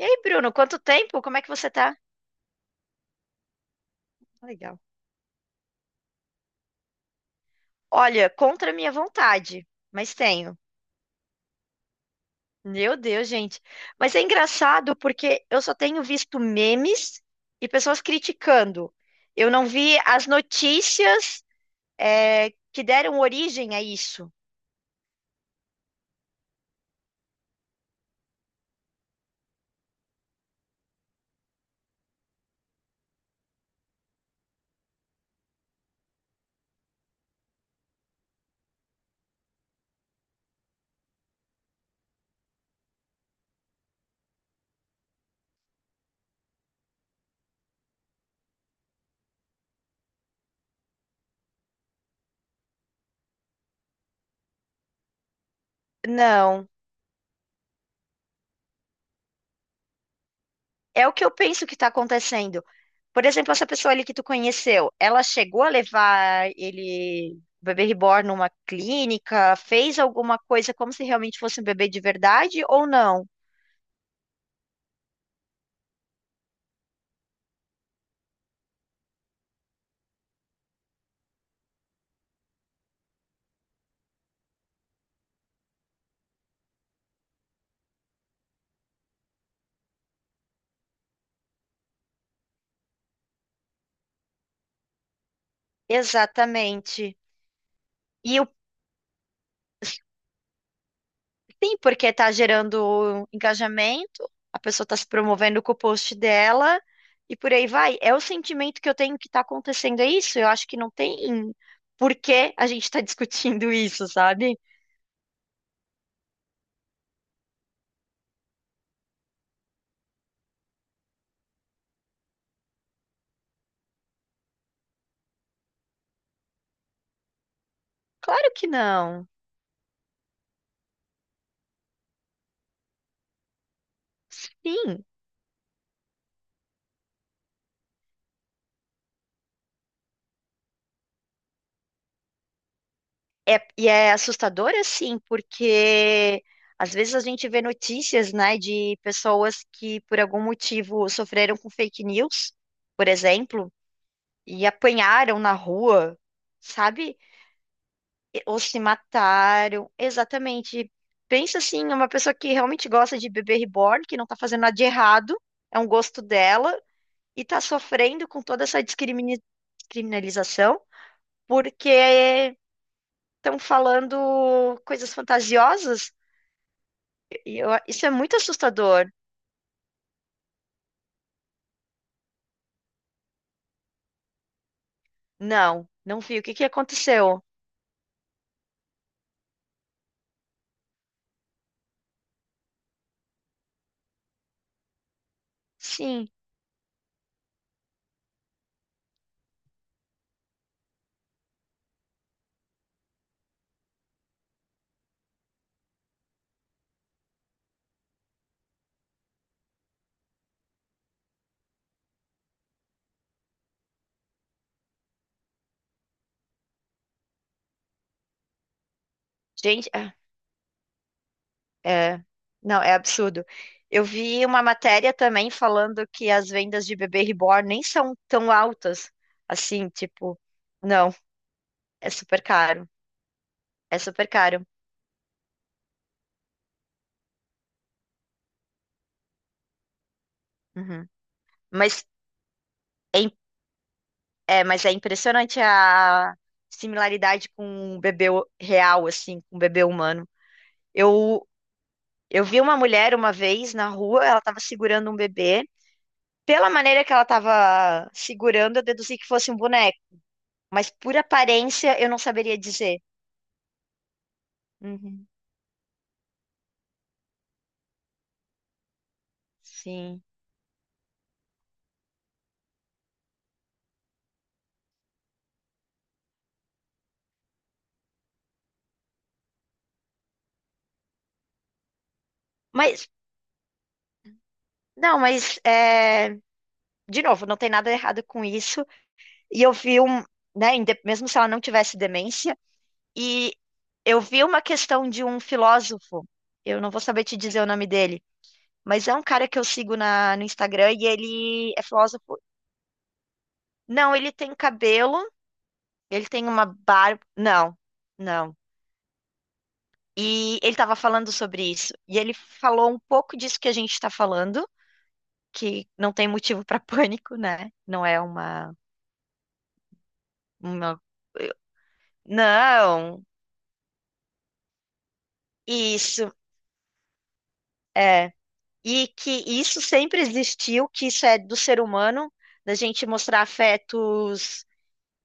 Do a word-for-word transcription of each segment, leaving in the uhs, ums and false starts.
E aí, Bruno, quanto tempo? Como é que você tá? Ah, legal. Olha, contra a minha vontade, mas tenho. Meu Deus, gente. Mas é engraçado porque eu só tenho visto memes e pessoas criticando. Eu não vi as notícias, é, que deram origem a isso. Não. É o que eu penso que está acontecendo. Por exemplo, essa pessoa ali que tu conheceu, ela chegou a levar ele, o bebê reborn, numa clínica, fez alguma coisa como se realmente fosse um bebê de verdade ou não? Exatamente. E o, sim, porque tá gerando engajamento, a pessoa tá se promovendo com o post dela e por aí vai. É o sentimento que eu tenho que tá acontecendo, é isso? Eu acho que não tem por que a gente tá discutindo isso, sabe? Claro que não. Sim, é, e é assustador assim, porque às vezes a gente vê notícias, né, de pessoas que por algum motivo sofreram com fake news, por exemplo, e apanharam na rua, sabe? E- Ou se mataram. Exatamente. Pensa assim, uma pessoa que realmente gosta de bebê reborn, que não tá fazendo nada de errado, é um gosto dela, e tá sofrendo com toda essa discrimini- criminalização, porque estão falando coisas fantasiosas. E eu- isso é muito assustador. Não, não vi. O que que aconteceu? Sim, gente, é, é- não, é absurdo. Eu vi uma matéria também falando que as vendas de bebê reborn nem são tão altas assim, tipo, não, é super caro, é super caro. Uhum. Mas é, im- é, mas é impressionante a similaridade com um bebê o- real, assim, com um bebê humano. Eu Eu vi uma mulher uma vez na rua, ela estava segurando um bebê. Pela maneira que ela estava segurando, eu deduzi que fosse um boneco, mas por aparência eu não saberia dizer. Uhum, sim. Mas, não, mas, é, de novo, não tem nada errado com isso. E eu vi um, né, inde- Mesmo se ela não tivesse demência, e eu vi uma questão de um filósofo, eu não vou saber te dizer o nome dele, mas é um cara que eu sigo na, no Instagram e ele é filósofo. Não, ele tem cabelo. Ele tem uma barba. Não, não. E ele estava falando sobre isso. E ele falou um pouco disso que a gente está falando, que não tem motivo para pânico, né? Não é uma, uma. Não, isso é. E que isso sempre existiu, que isso é do ser humano, da gente mostrar afetos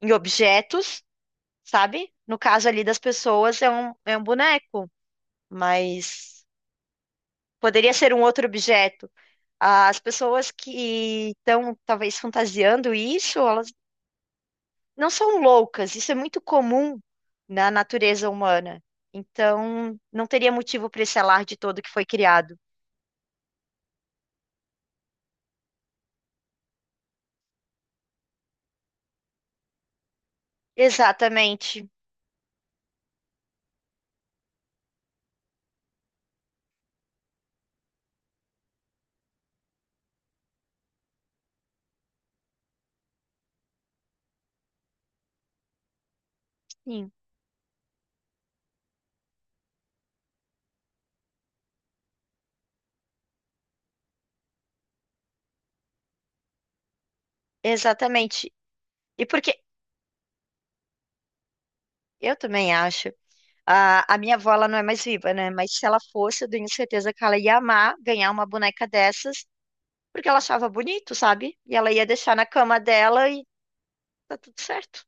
em objetos, sabe? No caso ali das pessoas, é um, é um boneco, mas poderia ser um outro objeto. As pessoas que estão talvez fantasiando isso, elas não são loucas, isso é muito comum na natureza humana. Então, não teria motivo para esse alarde todo que foi criado. Exatamente, sim, exatamente. E porque eu também acho, a, a minha avó, ela não é mais viva, né? Mas se ela fosse, eu tenho certeza que ela ia amar ganhar uma boneca dessas, porque ela achava bonito, sabe? E ela ia deixar na cama dela e tá tudo certo.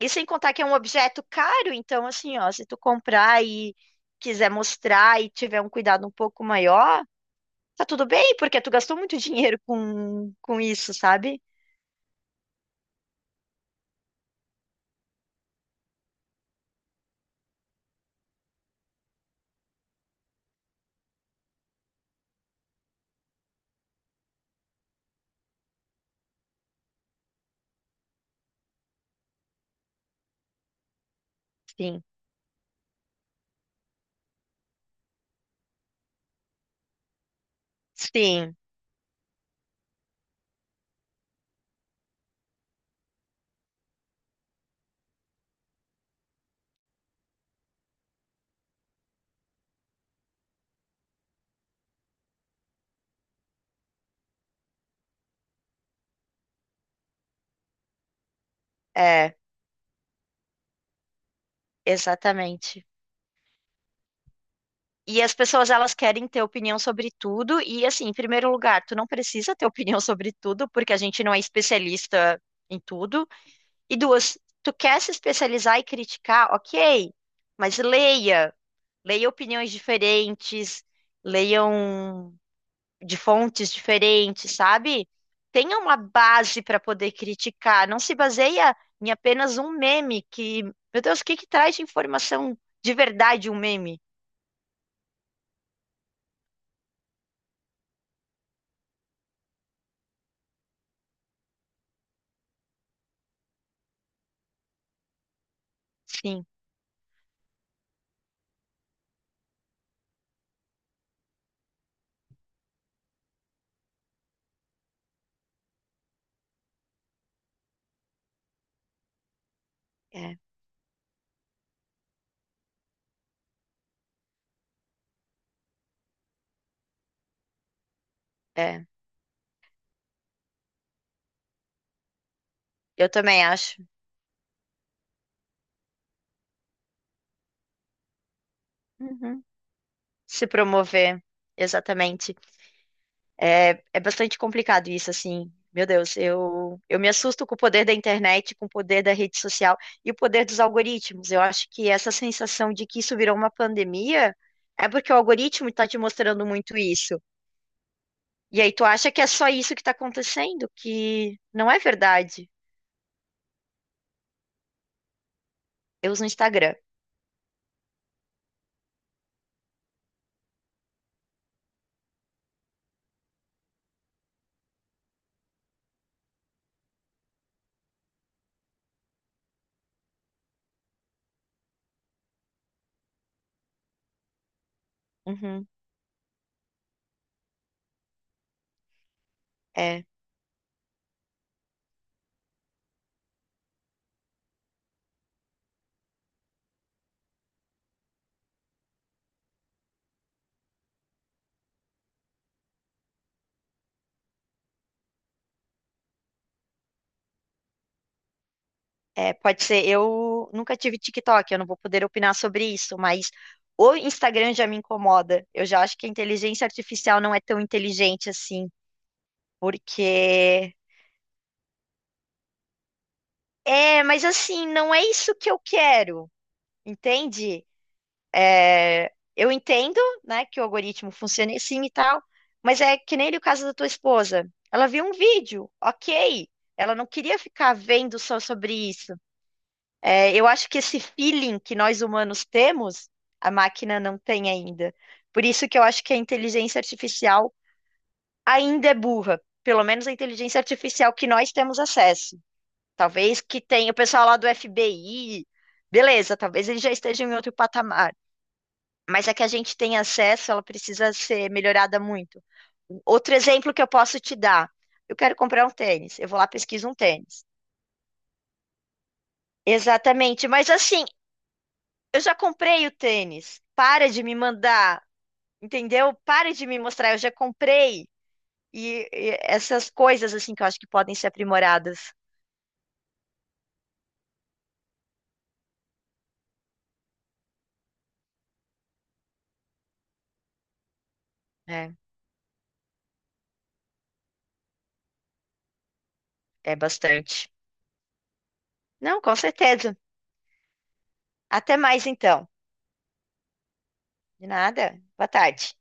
E sem contar que é um objeto caro, então assim, ó, se tu comprar e quiser mostrar e tiver um cuidado um pouco maior, tá tudo bem, porque tu gastou muito dinheiro com, com isso, sabe? Sim, sim, é, exatamente. E as pessoas, elas querem ter opinião sobre tudo, e assim, em primeiro lugar, tu não precisa ter opinião sobre tudo, porque a gente não é especialista em tudo. E duas, tu quer se especializar e criticar, ok, mas leia. Leiam opiniões diferentes, leiam de fontes diferentes, sabe? Tenha uma base para poder criticar. Não se baseia em apenas um meme que, meu Deus, o que que traz de informação de verdade um meme? Sim, é, é. Eu também acho. Uhum. Se promover, exatamente. É, é bastante complicado isso, assim. Meu Deus, eu, eu me assusto com o poder da internet, com o poder da rede social e o poder dos algoritmos. Eu acho que essa sensação de que isso virou uma pandemia é porque o algoritmo está te mostrando muito isso. E aí tu acha que é só isso que está acontecendo, que não é verdade. Eu uso o Instagram. Uhum, é, é, pode ser. Eu nunca tive TikTok, eu não vou poder opinar sobre isso, mas o Instagram já me incomoda. Eu já acho que a inteligência artificial não é tão inteligente assim. Porque é, mas assim, não é isso que eu quero, entende? É, eu entendo, né, que o algoritmo funciona assim e tal, mas é que nem o caso da tua esposa. Ela viu um vídeo, ok. Ela não queria ficar vendo só sobre isso. É, eu acho que esse feeling que nós humanos temos, a máquina não tem ainda. Por isso que eu acho que a inteligência artificial ainda é burra. Pelo menos a inteligência artificial que nós temos acesso. Talvez que tenha o pessoal lá do F B I. Beleza, talvez eles já estejam em outro patamar. Mas é que a gente tem acesso, ela precisa ser melhorada muito. Outro exemplo que eu posso te dar. Eu quero comprar um tênis. Eu vou lá, pesquiso um tênis. Exatamente. Mas assim, eu já comprei o tênis. Para de me mandar, entendeu? Para de me mostrar. Eu já comprei. E, e essas coisas assim que eu acho que podem ser aprimoradas. É, é bastante. Não, com certeza. Até mais então. De nada. Boa tarde.